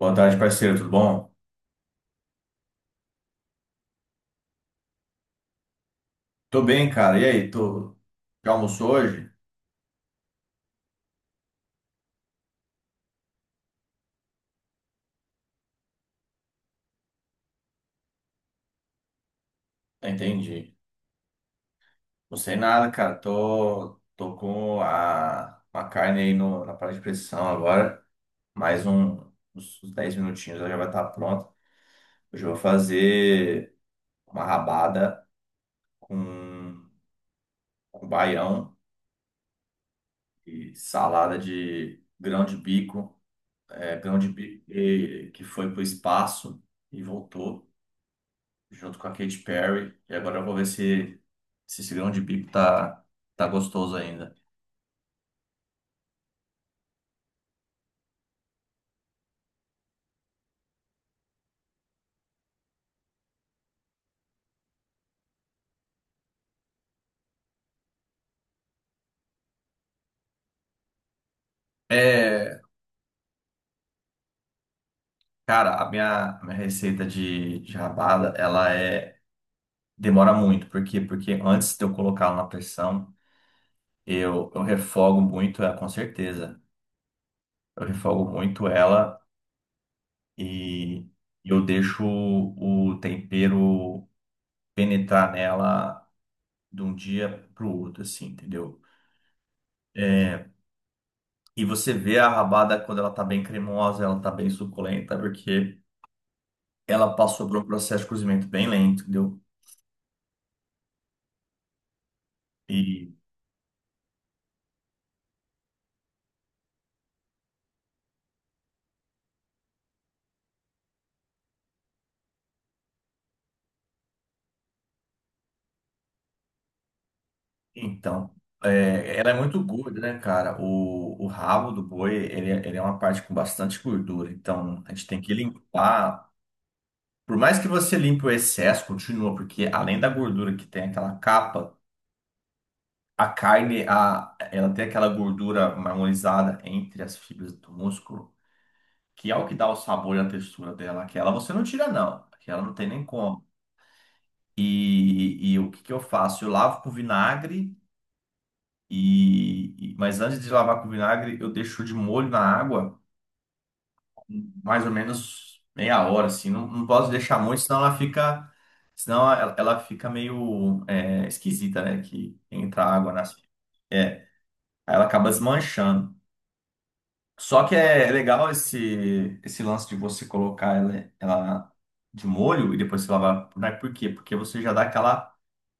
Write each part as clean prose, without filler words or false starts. Boa tarde, parceiro, tudo bom? Tô bem, cara. E aí, tu já almoçou hoje? Ah, entendi. Não sei nada, cara. Tô com uma carne aí no, na panela de pressão agora. Mais um, uns 10 minutinhos, ela já vai estar pronta. Hoje eu vou fazer uma rabada com, com baião e salada de grão de bico. É, grão de bico que foi pro espaço e voltou junto com a Katy Perry. E agora eu vou ver se esse grão de bico tá gostoso ainda. É, cara, a minha receita de rabada, ela é demora muito. Por quê? Porque antes de eu colocar ela na pressão, eu refogo muito ela, com certeza. Eu refogo muito ela e eu deixo o tempero penetrar nela de um dia pro outro, assim, entendeu? É, e você vê a rabada quando ela tá bem cremosa, ela tá bem suculenta, porque ela passou por um processo de cozimento bem lento, entendeu? E então, é, ela é muito gorda, né, cara? O rabo do boi, ele é uma parte com bastante gordura, então a gente tem que limpar. Por mais que você limpe o excesso, continua, porque além da gordura que tem aquela capa, a carne, a, ela tem aquela gordura marmorizada entre as fibras do músculo, que é o que dá o sabor e a textura dela. Aquela você não tira, não. Aquela não tem nem como. E o que que eu faço? Eu lavo com vinagre, mas antes de lavar com vinagre, eu deixo de molho na água mais ou menos meia hora, assim. Não posso deixar muito, senão ela fica, senão ela fica meio é, esquisita, né? Que entra água na. É, aí ela acaba desmanchando. Só que é legal esse lance de você colocar ela de molho e depois você lavar por nair. Por quê? Porque você já dá aquela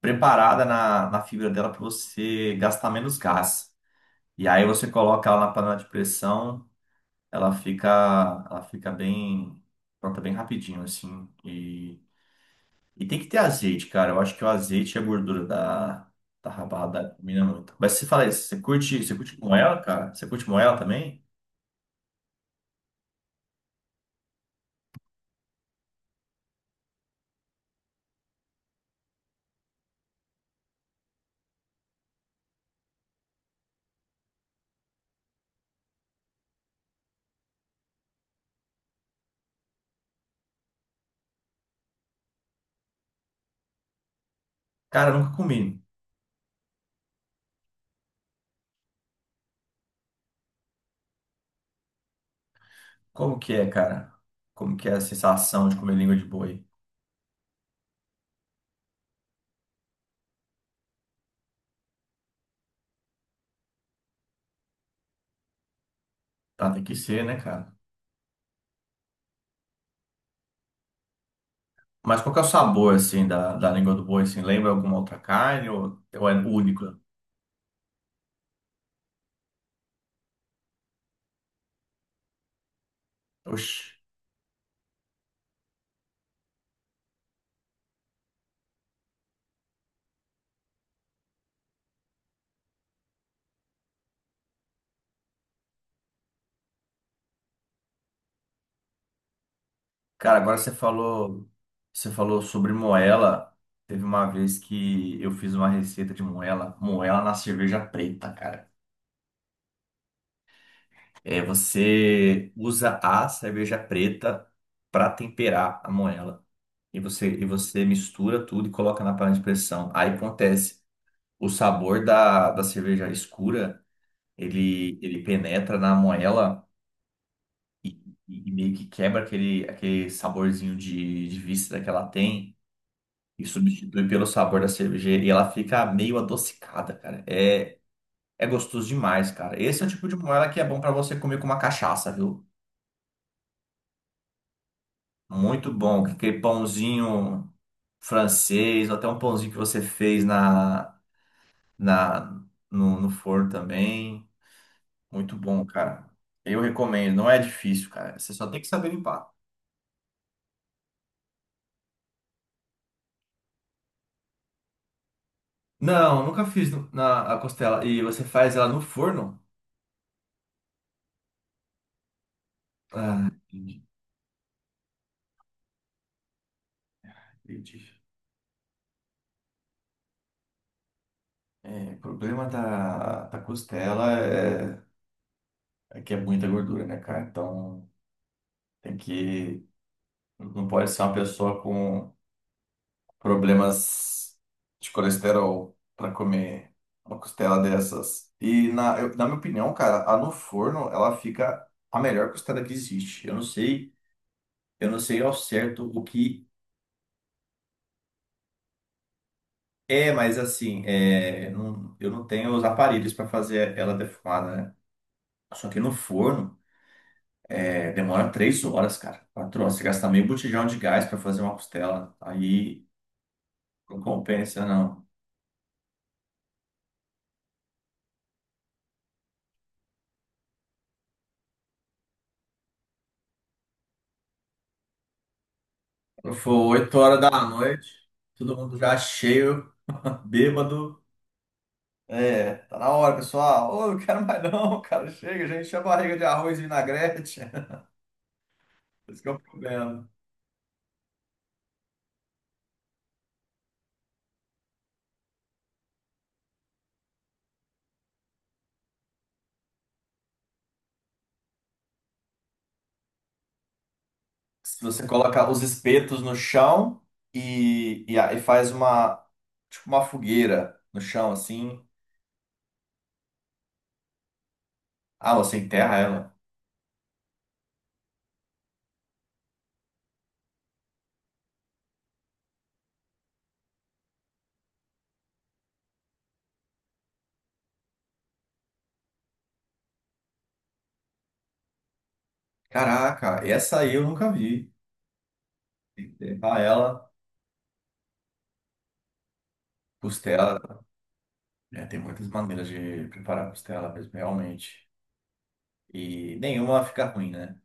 preparada na fibra dela para você gastar menos gás. E aí você coloca ela na panela de pressão, ela fica, ela fica bem pronta bem rapidinho, assim. E tem que ter azeite, cara. Eu acho que o azeite e a gordura da rabada combina muito. Mas você fala isso, você curte moela, cara? Você curte moela também? Cara, eu nunca comi. Como que é, cara? Como que é a sensação de comer língua de boi? Tá, tem que ser, né, cara? Mas qual que é o sabor, assim, da língua do boi, assim? Lembra alguma outra carne ou é única? Oxi. Cara, agora você falou sobre moela. Teve uma vez que eu fiz uma receita de moela, moela na cerveja preta, cara. É, você usa a cerveja preta para temperar a moela. E você mistura tudo e coloca na panela de pressão. Aí acontece o sabor da cerveja escura, ele penetra na moela e meio que quebra aquele, aquele saborzinho de víscera que ela tem e substitui pelo sabor da cerveja e ela fica meio adocicada, cara. É, é gostoso demais, cara. Esse é o tipo de moela que é bom pra você comer com uma cachaça, viu? Muito bom. Aquele pãozinho francês, ou até um pãozinho que você fez na, na, no forno também. Muito bom, cara. Eu recomendo, não é difícil, cara. Você só tem que saber limpar. Não, nunca fiz no- na a costela. E você faz ela no forno? Ah, entendi, entendi. É, o problema da costela é, é que é muita gordura, né, cara? Então tem que. Não pode ser uma pessoa com problemas de colesterol para comer uma costela dessas. E na, eu- na minha opinião, cara, a no forno ela fica a melhor costela que existe. Eu não sei. Eu não sei ao certo o que é, mas assim, é, não- eu não tenho os aparelhos para fazer ela defumada, né? Só que no forno, é, demora 3 horas, cara. 4 horas. Você gasta meio botijão de gás para fazer uma costela. Aí não compensa, não. Quando for 8 horas da noite, todo mundo já cheio, bêbado. É, tá na hora, pessoal. Ô, eu não quero mais não, cara. Chega, gente. Enche a barriga de arroz e vinagrete. Esse que é o problema. Se você coloca os espetos no chão e, a- e faz uma, tipo uma fogueira no chão, assim. Ah, você enterra ela. Caraca, essa aí eu nunca vi. Enterrar ela, costela. É, tem muitas maneiras de preparar costela mesmo, realmente. E nenhuma fica ruim, né?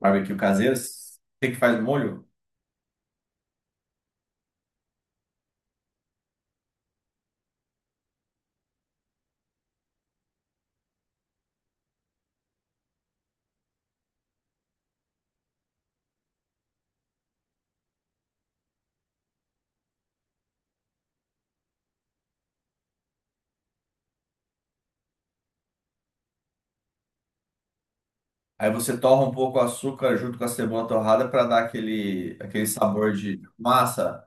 Barbecue caseiro, tem que faz molho. Aí você torra um pouco o açúcar junto com a cebola torrada para dar aquele, aquele sabor de massa.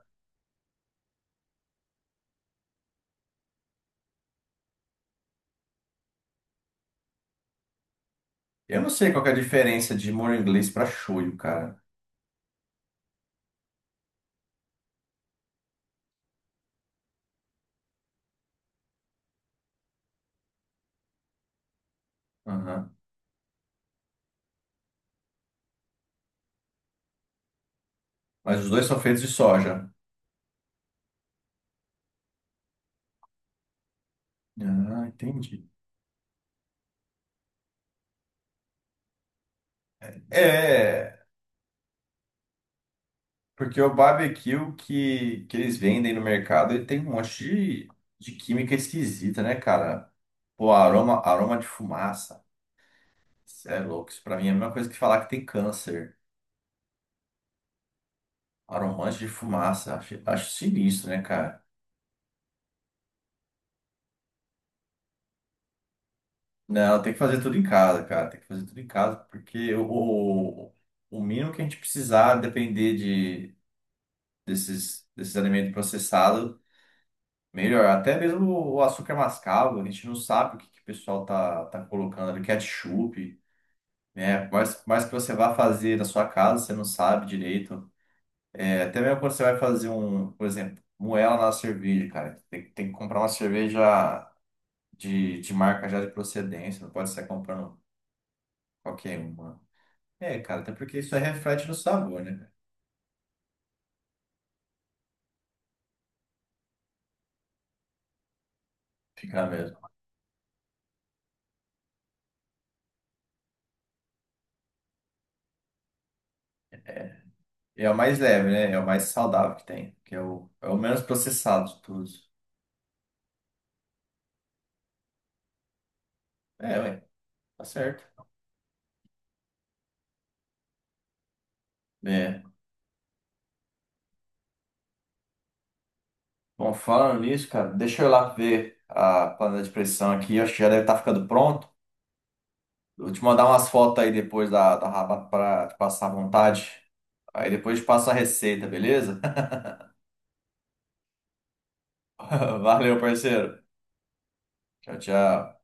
Eu não sei qual que é a diferença de molho inglês para shoyu, cara. Aham. Mas os dois são feitos de soja. Ah, entendi. É, porque o barbecue que eles vendem no mercado, ele tem um monte de, de química esquisita, né, cara? Pô, aroma, aroma de fumaça. Isso é louco. Isso pra mim é a mesma coisa que falar que tem câncer. Aromante de fumaça. Acho, acho sinistro, né, cara? Não, tem que fazer tudo em casa, cara. Tem que fazer tudo em casa, porque o mínimo que a gente precisar depender desses, desses alimentos processados. Melhor, até mesmo o açúcar mascavo, a gente não sabe o que, que o pessoal tá colocando ali, ketchup, né? Mas que você vá fazer na sua casa, você não sabe direito. É, até mesmo quando você vai fazer um, por exemplo, moela na cerveja, cara. Tem, tem que comprar uma cerveja de marca já de procedência, não pode sair comprando qualquer uma. É, cara, até porque isso aí reflete no sabor, né, cara? Fica mesmo. E é o mais leve, né? É o mais saudável que tem, que é é o menos processado de todos. É, ué, tá certo. É. Bom, falando nisso, cara, deixa eu ir lá ver a panela de pressão aqui. Acho que já deve estar ficando pronto. Eu vou te mandar umas fotos aí depois da rabata para te passar à vontade. Aí depois te passo a receita, beleza? Valeu, parceiro. Tchau, tchau.